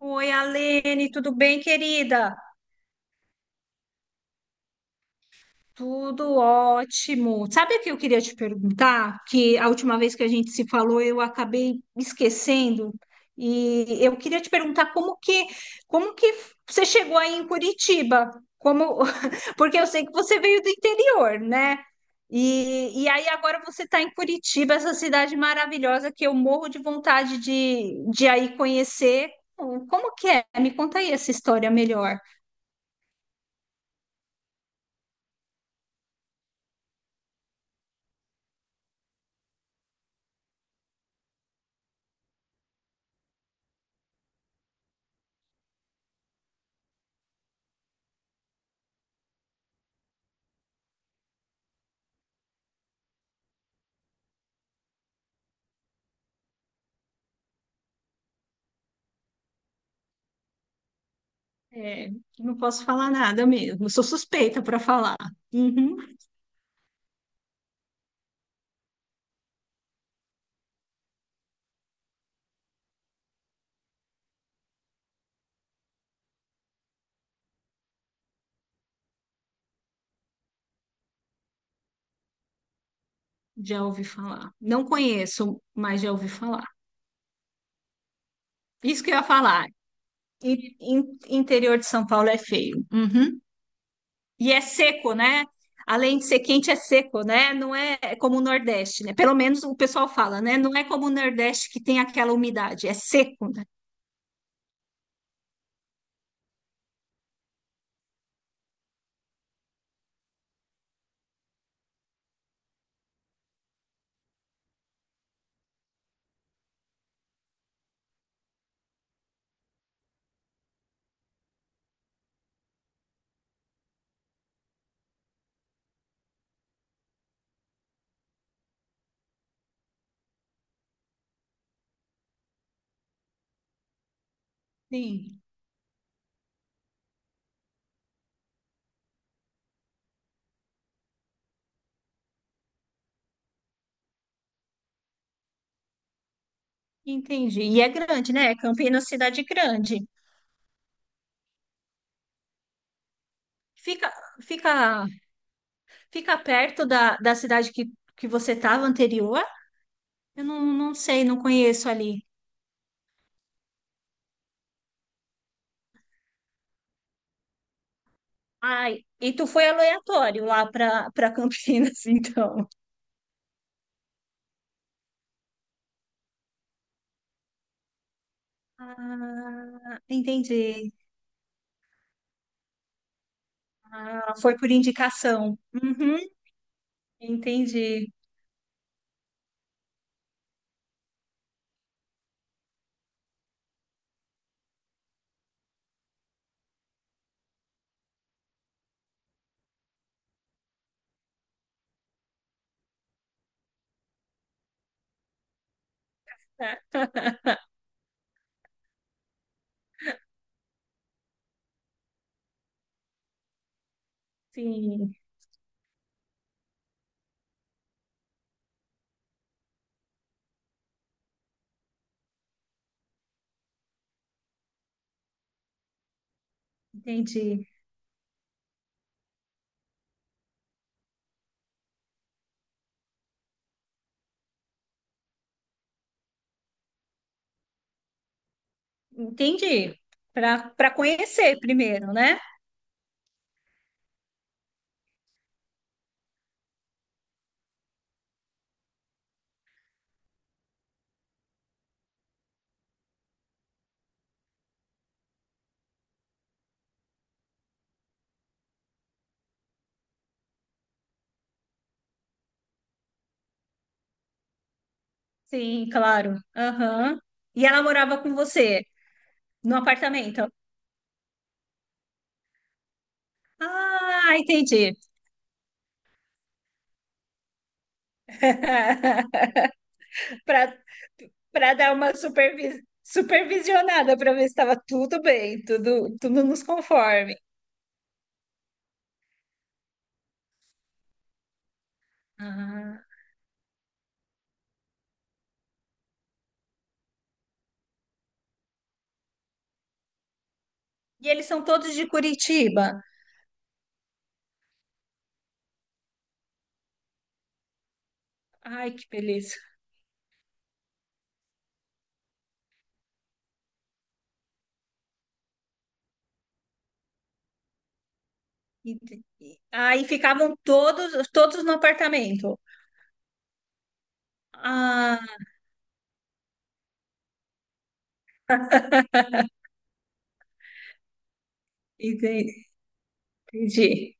Oi, Alene, tudo bem, querida? Tudo ótimo. Sabe o que eu queria te perguntar? Que a última vez que a gente se falou, eu acabei esquecendo. E eu queria te perguntar como que você chegou aí em Curitiba? Como, porque eu sei que você veio do interior, né? E aí agora você está em Curitiba, essa cidade maravilhosa que eu morro de vontade de aí conhecer. Como que é? Me conta aí essa história melhor. É, não posso falar nada mesmo. Eu sou suspeita para falar. Uhum, já ouvi falar. Não conheço, mas já ouvi falar. Isso que eu ia falar. Interior de São Paulo é feio. Uhum. E é seco, né? Além de ser quente, é seco, né? Não é como o Nordeste, né? Pelo menos o pessoal fala, né? Não é como o Nordeste que tem aquela umidade. É seco, né? Sim, entendi. E é grande, né? Campinas, cidade grande. Fica, fica Fica perto da cidade que você estava anterior? Eu não sei, não conheço ali. Ai, e tu foi aleatório lá para Campinas, então. Ah, entendi. Ah, foi por indicação. Uhum, entendi. Ah, sim, entendi. Entendi. Para conhecer primeiro, né? Sim, claro. Aham. E ela morava com você no apartamento? Ah, entendi. Para para dar uma supervisionada para ver se estava tudo bem, tudo nos conforme. Ah, e eles são todos de Curitiba. Ai, que beleza. Ente- Aí ficavam todos no apartamento. Ah, ente- Entendi.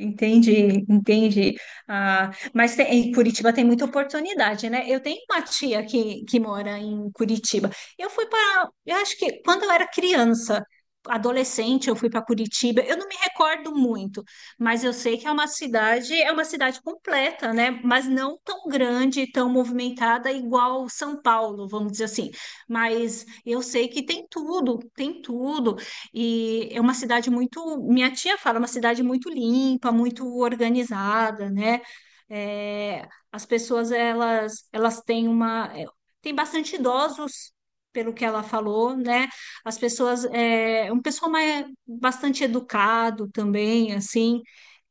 Entendi, entendi. Ah, mas em Curitiba tem muita oportunidade, né? Eu tenho uma tia que mora em Curitiba. Eu fui para, eu acho que quando eu era criança, adolescente, eu fui para Curitiba. Eu não me recordo muito, mas eu sei que é uma cidade completa, né? Mas não tão grande, tão movimentada igual São Paulo, vamos dizer assim. Mas eu sei que tem tudo, tem tudo. E é uma cidade muito, minha tia fala, é uma cidade muito limpa, muito organizada, né? É, as pessoas elas têm uma é, tem bastante idosos, pelo que ela falou, né? As pessoas é um pessoal mais bastante educado também, assim,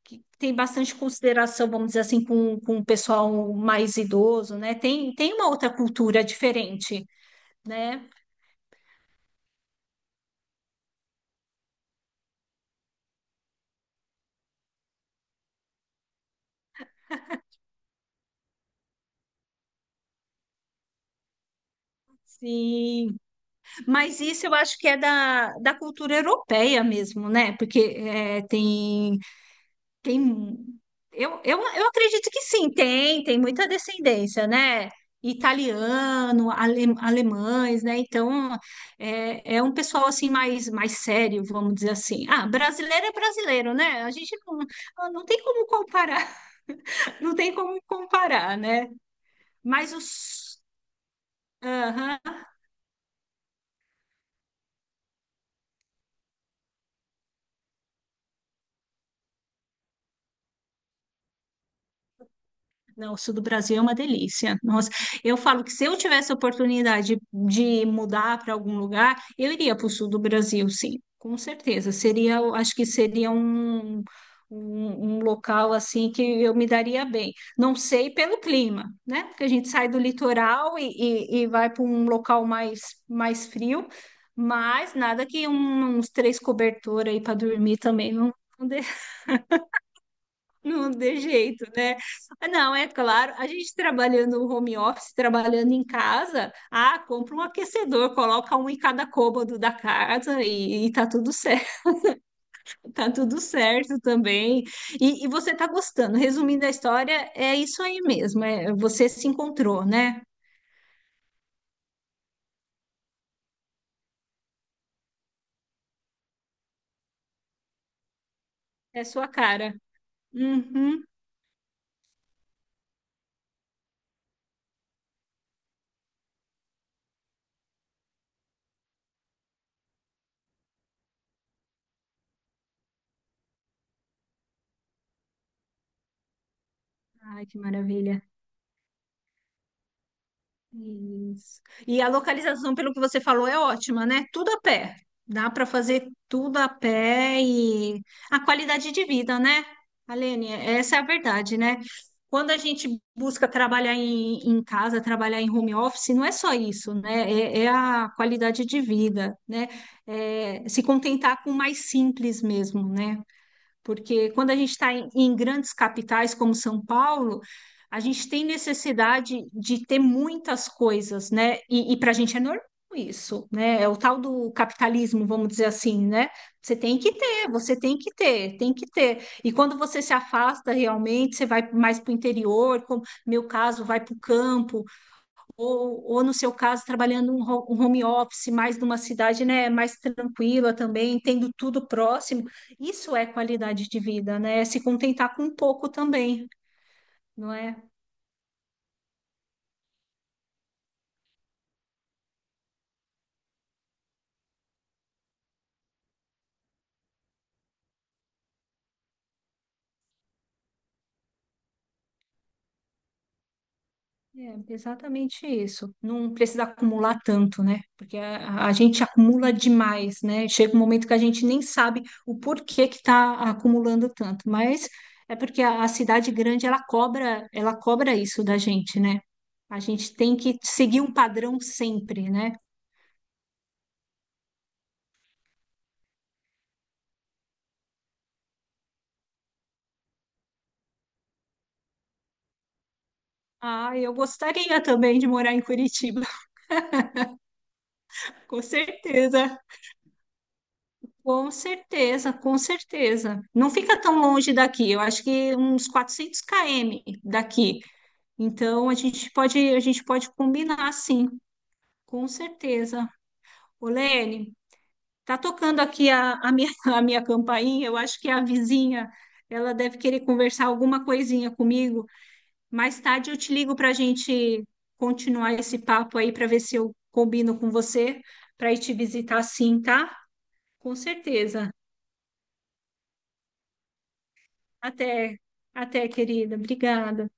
que tem bastante consideração, vamos dizer assim, com o pessoal mais idoso, né? Tem uma outra cultura diferente, né? Sim. Mas isso eu acho que é da cultura europeia mesmo, né? Porque tem eu acredito que sim, tem muita descendência, né? Alemães, né? Então é, é um pessoal assim mais sério, vamos dizer assim. Ah, brasileiro é brasileiro, né? A gente não, ah, não tem como comparar, não tem como comparar, né? Mas os, Aham. Não, o sul do Brasil é uma delícia. Nossa, eu falo que se eu tivesse a oportunidade de mudar para algum lugar, eu iria para o sul do Brasil, sim, com certeza. Seria, eu acho que seria um local assim que eu me daria bem. Não sei pelo clima, né? Porque a gente sai do litoral e vai para um local mais, mais frio, mas nada que uns três cobertores aí para dormir também não, não não tem jeito, né? Ah, não, é claro, a gente trabalhando home office, trabalhando em casa, ah, compra um aquecedor, coloca um em cada cômodo da casa e tá tudo certo, tá tudo certo também. E você tá gostando. Resumindo a história, é isso aí mesmo, é, você se encontrou, né? É a sua cara. Uhum. Ai, que maravilha. Isso. E a localização, pelo que você falou, é ótima, né? Tudo a pé. Dá para fazer tudo a pé e a qualidade de vida, né? Alene, essa é a verdade, né? Quando a gente busca trabalhar em casa, trabalhar em home office, não é só isso, né? É, é a qualidade de vida, né? É se contentar com o mais simples mesmo, né? Porque quando a gente está em grandes capitais como São Paulo, a gente tem necessidade de ter muitas coisas, né? E para a gente é normal isso, né? É o tal do capitalismo, vamos dizer assim, né? Você tem que ter, você tem que ter, tem que ter. E quando você se afasta realmente, você vai mais para o interior, como meu caso, vai para o campo, ou no seu caso, trabalhando um home office, mais numa cidade, né, mais tranquila também, tendo tudo próximo, isso é qualidade de vida, né? É se contentar com pouco também, não é? É exatamente isso. Não precisa acumular tanto, né? Porque a gente acumula demais, né? Chega um momento que a gente nem sabe o porquê que está acumulando tanto, mas é porque a cidade grande ela cobra isso da gente, né? A gente tem que seguir um padrão sempre, né? Ah, eu gostaria também de morar em Curitiba, com certeza. Com certeza. Não fica tão longe daqui, eu acho que uns 400 km daqui. Então, a gente pode combinar, sim, com certeza. Olene, tá tocando aqui a minha campainha, eu acho que é a vizinha, ela deve querer conversar alguma coisinha comigo. Mais tarde eu te ligo para a gente continuar esse papo aí, para ver se eu combino com você, para ir te visitar, sim, tá? Com certeza. Até, até, querida. Obrigada.